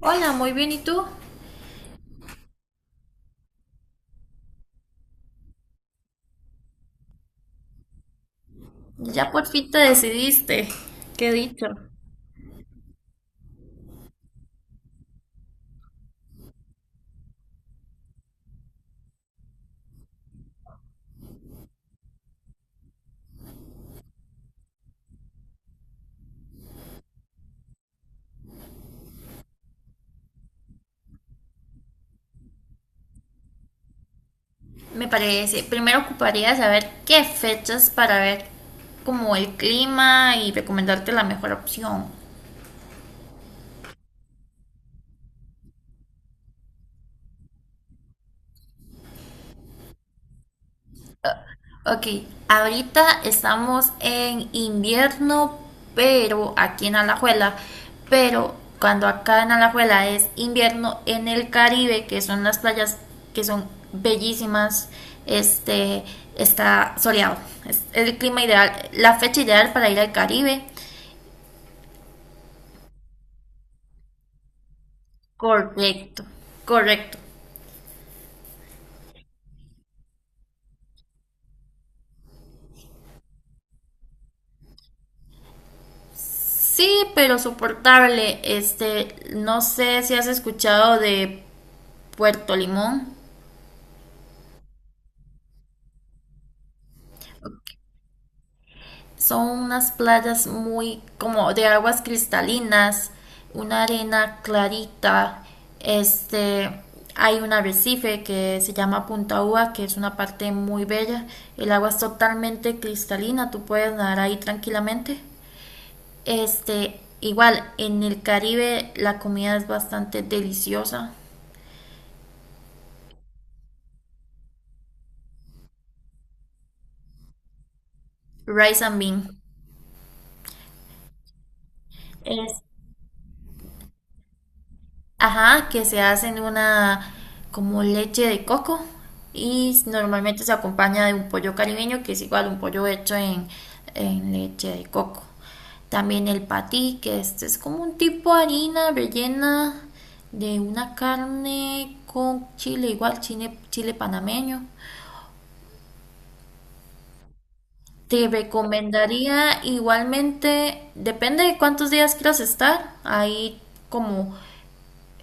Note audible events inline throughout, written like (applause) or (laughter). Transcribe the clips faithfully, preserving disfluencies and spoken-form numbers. Hola, muy bien, ¿y tú? Ya por fin te decidiste. Qué dicho. Me parece. Primero ocuparía saber qué fechas para ver como el clima y recomendarte la mejor opción. Ok, ahorita estamos en invierno, pero aquí en Alajuela, pero cuando acá en Alajuela es invierno, en el Caribe, que son las playas que son bellísimas, este está soleado. Es el clima ideal, la fecha ideal para ir al Caribe. Correcto, correcto. Sí, pero soportable. Este, no sé si has escuchado de Puerto Limón. Son unas playas muy como de aguas cristalinas, una arena clarita. Este, hay un arrecife que se llama Punta Uva, que es una parte muy bella. El agua es totalmente cristalina, tú puedes nadar ahí tranquilamente. Este, igual en el Caribe la comida es bastante deliciosa. Rice and bean. Es Ajá, que se hacen una como leche de coco y normalmente se acompaña de un pollo caribeño, que es igual un pollo hecho en, en leche de coco. También el patí, que este es como un tipo de harina rellena de una carne con chile, igual chile, chile panameño. Te recomendaría igualmente, depende de cuántos días quieras estar, ahí como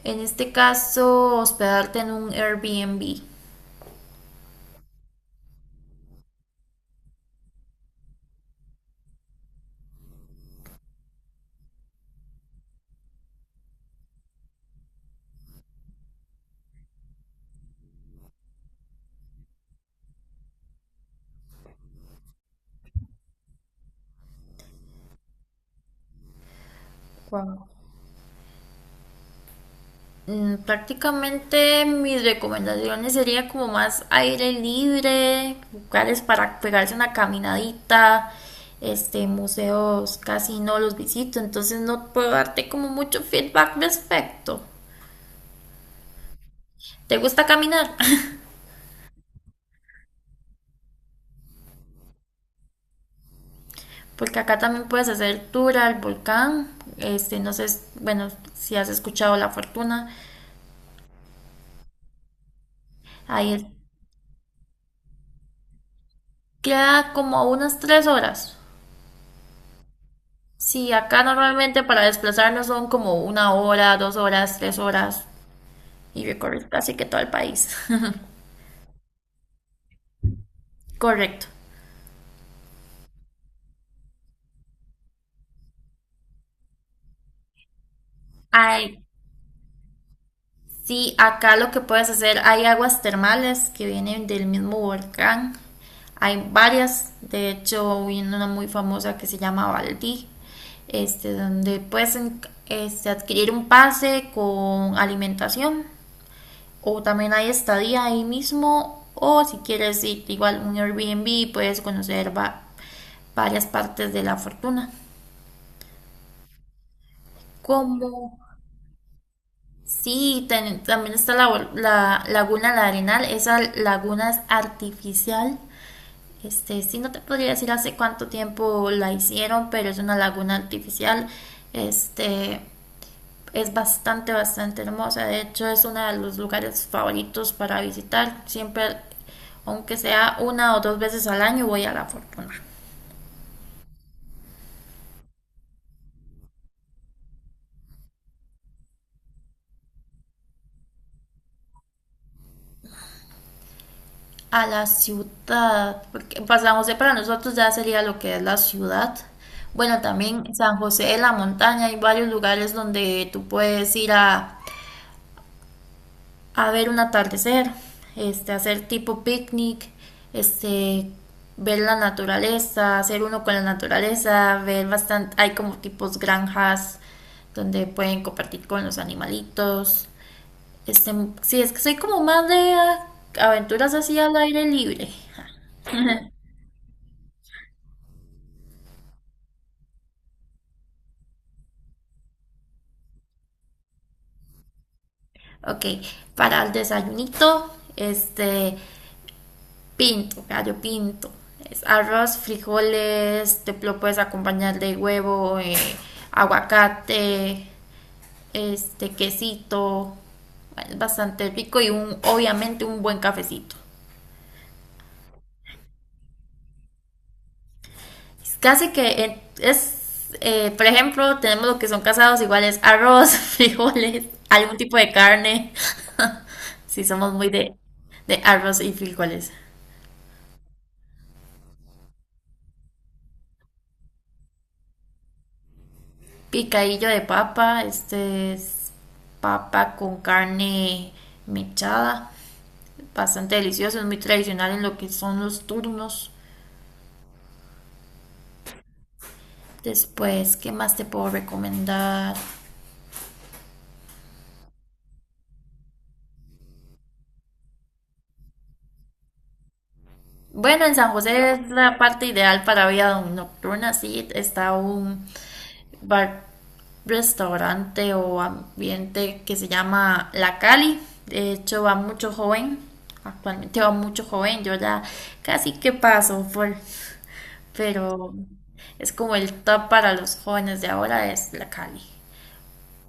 en este caso hospedarte en un Airbnb. Wow. Mm, Prácticamente mis recomendaciones serían como más aire libre, lugares para pegarse una caminadita, este, museos casi no los visito, entonces no puedo darte como mucho feedback respecto. ¿Te gusta caminar? (laughs) Porque acá también puedes hacer tour al volcán, este, no sé, bueno, si has escuchado La Fortuna, ahí queda como a unas tres horas. Sí, acá normalmente para desplazarnos son como una hora, dos horas, tres horas y recorrer casi que todo el país. (laughs) Correcto. Ay, sí, acá lo que puedes hacer, hay aguas termales que vienen del mismo volcán. Hay varias, de hecho, hay una muy famosa que se llama Valdí, este, donde puedes en- este, adquirir un pase con alimentación o también hay estadía ahí mismo o si quieres ir igual un Airbnb puedes conocer va- varias partes de la fortuna. Como sí, ten- también está la, la laguna La Arenal, esa laguna es artificial. Este, sí, no te podría decir hace cuánto tiempo la hicieron, pero es una laguna artificial. Este, es bastante, bastante hermosa. De hecho, es uno de los lugares favoritos para visitar. Siempre, aunque sea una o dos veces al año, voy a la fortuna. A la ciudad, porque para San José para nosotros ya sería lo que es la ciudad. Bueno, también San José de la Montaña, hay varios lugares donde tú puedes ir a, a ver un atardecer, este, hacer tipo picnic, este, ver la naturaleza, hacer uno con la naturaleza, ver bastante, hay como tipos granjas donde pueden compartir con los animalitos. Este, sí, es que soy como más de ah, aventuras así al aire libre. Ok, para el desayunito, este, pinto, gallo pinto. Es arroz, frijoles, te lo puedes acompañar de huevo, eh, aguacate, este, quesito. Bueno, es bastante rico y un, obviamente un buen cafecito. Es casi que eh, es, eh, por ejemplo, tenemos lo que son casados, igual es arroz, (laughs) frijoles, algún tipo de carne. (laughs) Si somos muy de, de arroz y frijoles. Picadillo de papa, este es papa con carne mechada, bastante delicioso, es muy tradicional en lo que son los turnos. Después, ¿qué más te puedo recomendar? Bueno, en San José es la parte ideal para vida nocturna, sí, está un bar, restaurante o ambiente que se llama La Cali. De hecho, va mucho joven, actualmente va mucho joven, yo ya casi que paso por, pero es como el top para los jóvenes de ahora es la Cali.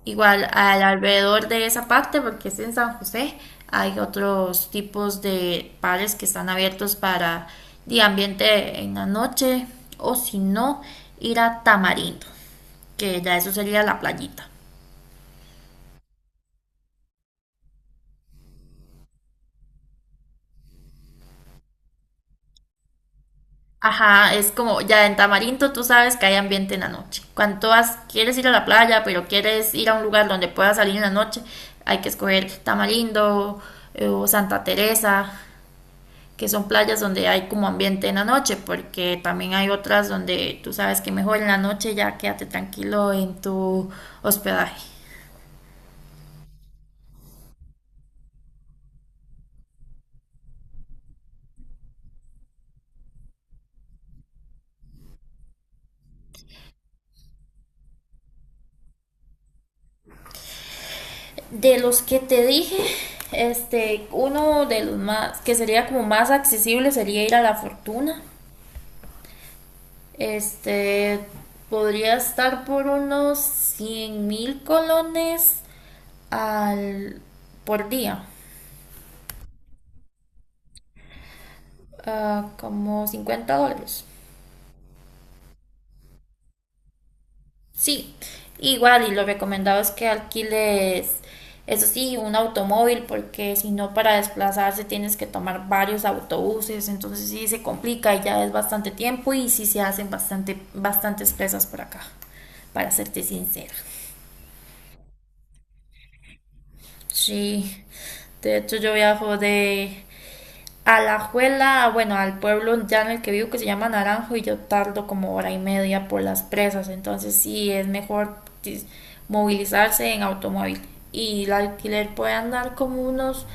Igual al alrededor de esa parte, porque es en San José, hay otros tipos de bares que están abiertos para de ambiente en la noche o si no, ir a Tamarindo, que ya eso sería la playita. Ajá, es como ya en Tamarindo tú sabes que hay ambiente en la noche. Cuando tú vas- quieres ir a la playa, pero quieres ir a un lugar donde puedas salir en la noche, hay que escoger Tamarindo eh, o Santa Teresa, que son playas donde hay como ambiente en la noche, porque también hay otras donde tú sabes que mejor en la noche ya quédate tranquilo en tu hospedaje. De los que te dije, este, uno de los más que sería como más accesible sería ir a La Fortuna. Este podría estar por unos cien mil colones al, por día, ah, como cincuenta dólares. Sí, igual y lo recomendado es que alquiles, eso sí, un automóvil porque si no para desplazarse tienes que tomar varios autobuses, entonces sí se complica y ya es bastante tiempo y sí se hacen bastante, bastantes presas por acá, para serte sincera. Sí, de hecho yo viajo de a la Alajuela, bueno, al pueblo ya en el que vivo que se llama Naranjo y yo tardo como hora y media por las presas, entonces sí es mejor movilizarse en automóvil y el alquiler puede andar como unos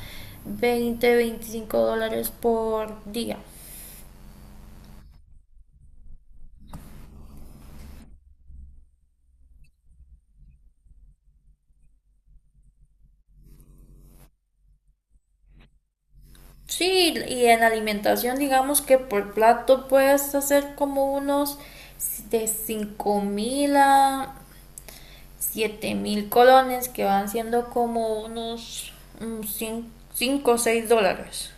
veinte, veinticinco dólares por día. Sí, y en alimentación digamos que por plato puedes hacer como unos de cinco mil a siete mil colones, que van siendo como unos cinco o seis dólares.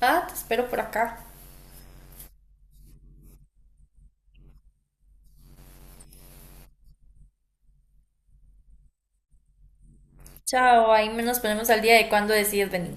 Ah, te espero por acá. Chao, ahí nos ponemos al día de cuándo decides venir.